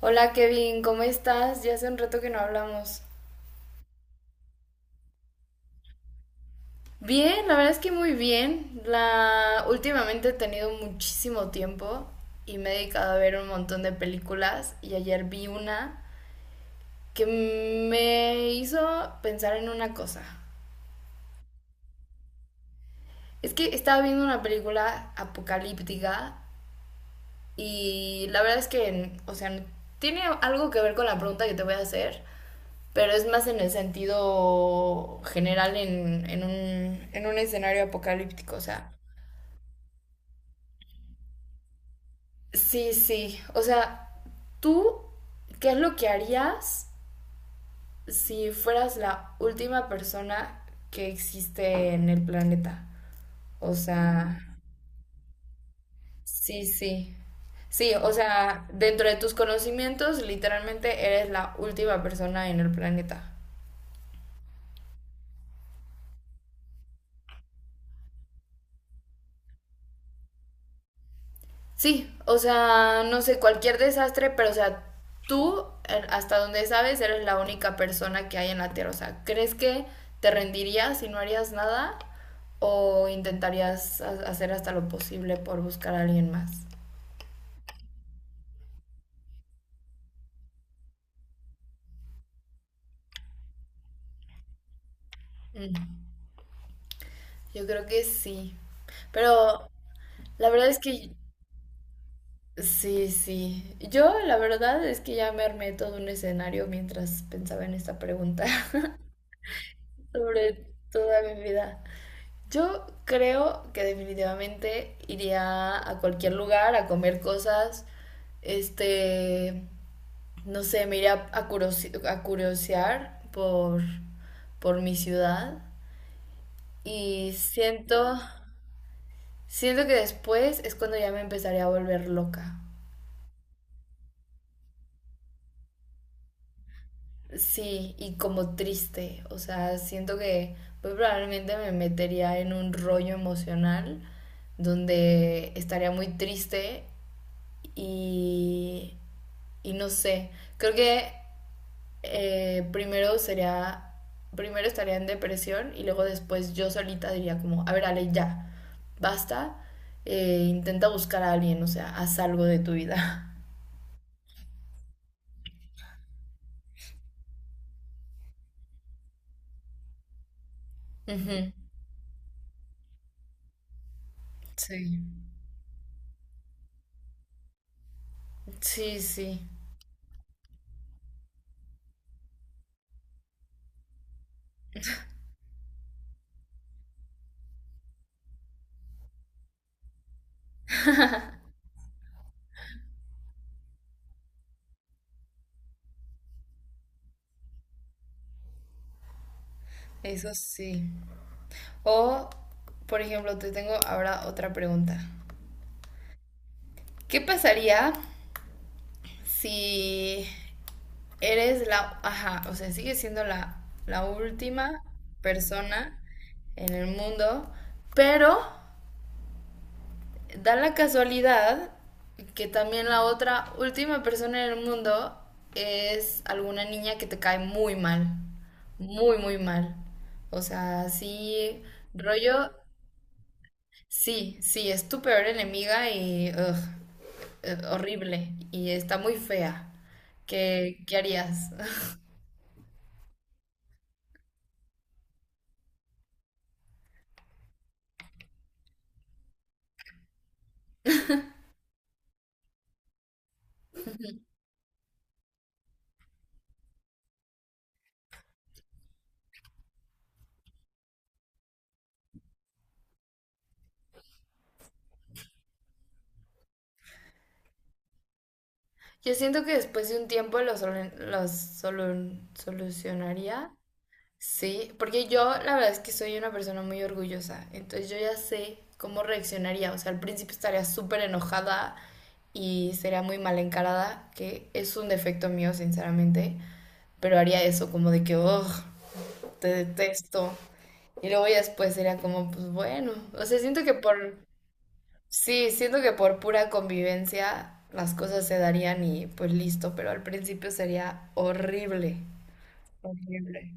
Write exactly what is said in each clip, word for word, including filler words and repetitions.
Hola Kevin, ¿cómo estás? Ya hace un rato que no hablamos. Bien, la verdad es que muy bien. La últimamente he tenido muchísimo tiempo y me he dedicado a ver un montón de películas y ayer vi una que me hizo pensar en una cosa. Es que estaba viendo una película apocalíptica y la verdad es que, o sea, tiene algo que ver con la pregunta que te voy a hacer, pero es más en el sentido general en, en, un, en un escenario apocalíptico. O sea, sí, sí. O sea, tú, ¿qué es lo que harías si fueras la última persona que existe en el planeta? O sea, sí, sí. Sí, o sea, dentro de tus conocimientos, literalmente eres la última persona en el planeta. Sí, o sea, no sé, cualquier desastre, pero o sea, tú, eh, hasta donde sabes, eres la única persona que hay en la Tierra. O sea, ¿crees que te rendirías y no harías nada? ¿O intentarías ha- hacer hasta lo posible por buscar a alguien más? Mm, Yo creo que sí. Pero la verdad es que sí, sí. Yo la verdad es que ya me armé todo un escenario mientras pensaba en esta pregunta sobre toda mi vida. Yo creo que definitivamente iría a cualquier lugar a comer cosas, este, no sé, me iría a, curiosi- a curiosear por, por mi ciudad y siento, siento que después es cuando ya me empezaría a volver loca. Sí, y como triste, o sea, siento que muy probablemente me metería en un rollo emocional donde estaría muy triste y Y no sé, creo que eh, primero sería, primero estaría en depresión y luego después yo solita diría como, a ver, Ale, ya, basta, eh, intenta buscar a alguien, o sea, haz algo de tu vida. Ujú. Sí, sí, sí, eso sí. O, por ejemplo, te tengo ahora otra pregunta. ¿Qué pasaría si eres la, ajá, o sea, sigues siendo la, la última persona en el mundo, pero da la casualidad que también la otra última persona en el mundo es alguna niña que te cae muy mal, muy, muy mal. O sea, sí, rollo, sí, sí, es tu peor enemiga y ugh, eh, horrible y está muy fea. ¿Qué, qué harías? Yo siento que después de un tiempo los, solu- los solu- solucionaría. Sí, porque yo la verdad es que soy una persona muy orgullosa, entonces yo ya sé cómo reaccionaría. O sea, al principio estaría súper enojada y sería muy mal encarada, que es un defecto mío, sinceramente, pero haría eso como de que, oh, te detesto. Y luego ya después sería como, pues bueno, o sea, siento que por sí, siento que por pura convivencia las cosas se darían y pues listo, pero al principio sería horrible. Horrible.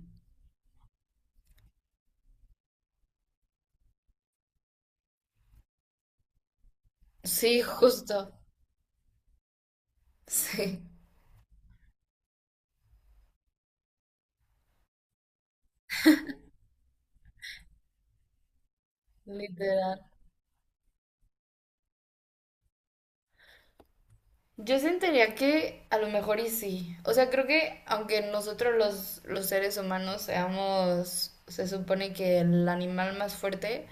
Sí, justo. Sí, literal. Yo sentiría que a lo mejor y sí. O sea, creo que aunque nosotros los, los seres humanos seamos, se supone que el animal más fuerte,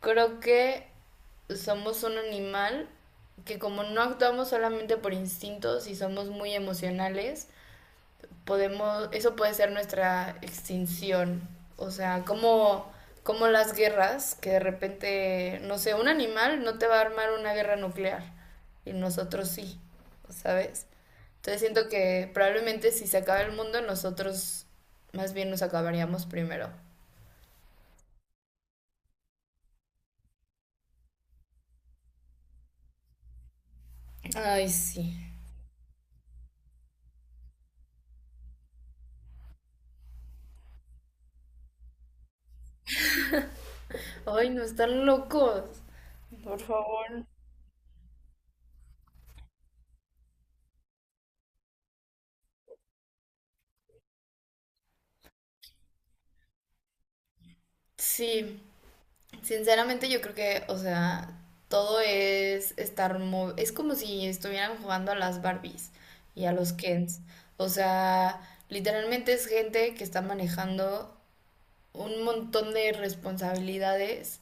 creo que somos un animal que como no actuamos solamente por instintos y somos muy emocionales, podemos, eso puede ser nuestra extinción. O sea, como, como las guerras, que de repente, no sé, un animal no te va a armar una guerra nuclear y nosotros sí, ¿sabes? Entonces siento que probablemente si se acaba el mundo, nosotros más bien nos acabaríamos primero. Ay, sí. Ay, no están locos. Por favor. Sí, sinceramente yo creo que, o sea, todo es estar... mo- Es como si estuvieran jugando a las Barbies y a los Kens. O sea, literalmente es gente que está manejando un montón de responsabilidades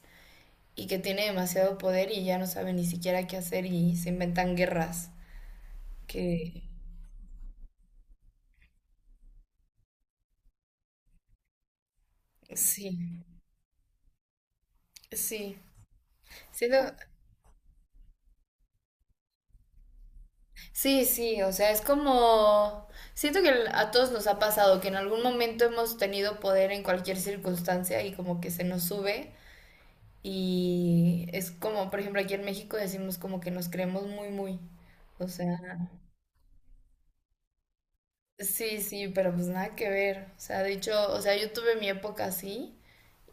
y que tiene demasiado poder y ya no sabe ni siquiera qué hacer y se inventan guerras. Que... Sí, sí. Siento, sí, sí, o sea, es como... Siento que a todos nos ha pasado que en algún momento hemos tenido poder en cualquier circunstancia y como que se nos sube y es como, por ejemplo, aquí en México decimos como que nos creemos muy, muy. O sea, sí, sí, pero pues nada que ver. O sea, de hecho, o sea, yo tuve mi época así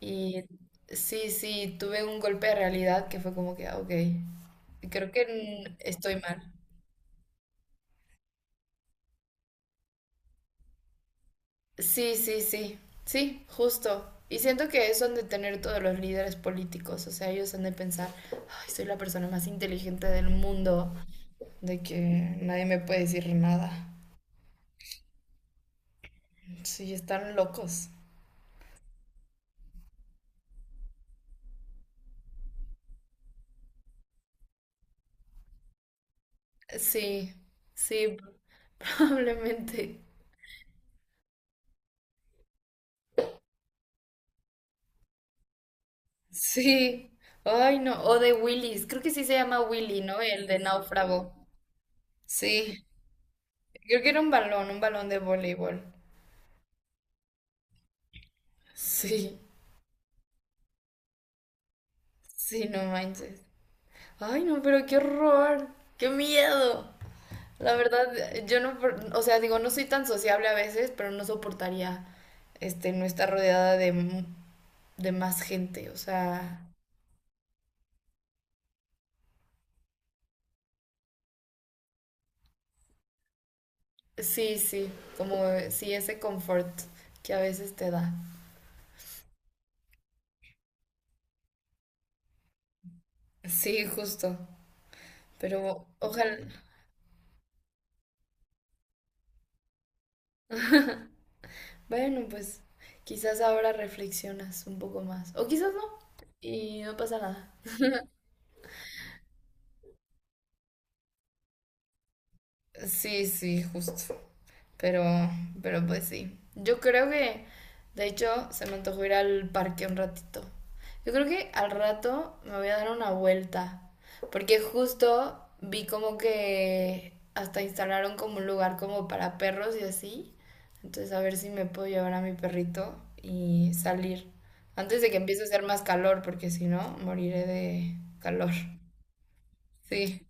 y sí, sí, tuve un golpe de realidad que fue como que, ah, ok, creo que mm, estoy mal. Sí, sí, sí, sí, justo. Y siento que eso han de tener todos los líderes políticos, o sea, ellos han de pensar, ay, soy la persona más inteligente del mundo, de que nadie me puede decir nada. Sí, están locos. Sí, sí, probablemente. Sí, ay, no, o de Willis, creo que sí se llama Willy, ¿no? El de náufrago. Sí, creo que era un balón, un balón de voleibol. Sí, sí, no manches. Ay, no, pero qué horror, qué miedo. La verdad, yo no, por- o sea, digo, no soy tan sociable a veces, pero no soportaría, este, no estar rodeada de, m- de más gente. O sea, sí, sí, como eh, sí, ese confort que a veces te da. Sí, justo. Pero ojalá, bueno, pues quizás ahora reflexionas un poco más. O quizás no, y no pasa nada. Sí, sí, justo. Pero, pero pues sí. Yo creo que, de hecho, se me antojó ir al parque un ratito. Yo creo que al rato me voy a dar una vuelta. Porque justo vi como que hasta instalaron como un lugar como para perros y así. Entonces a ver si me puedo llevar a mi perrito y salir. Antes de que empiece a hacer más calor, porque si no, moriré de calor. Sí.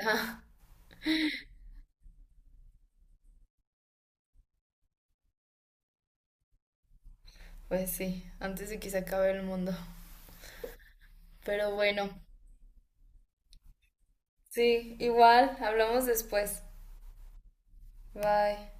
Ah, pues sí, antes de que se acabe el mundo. Pero bueno. Sí, igual, hablamos después. Bye.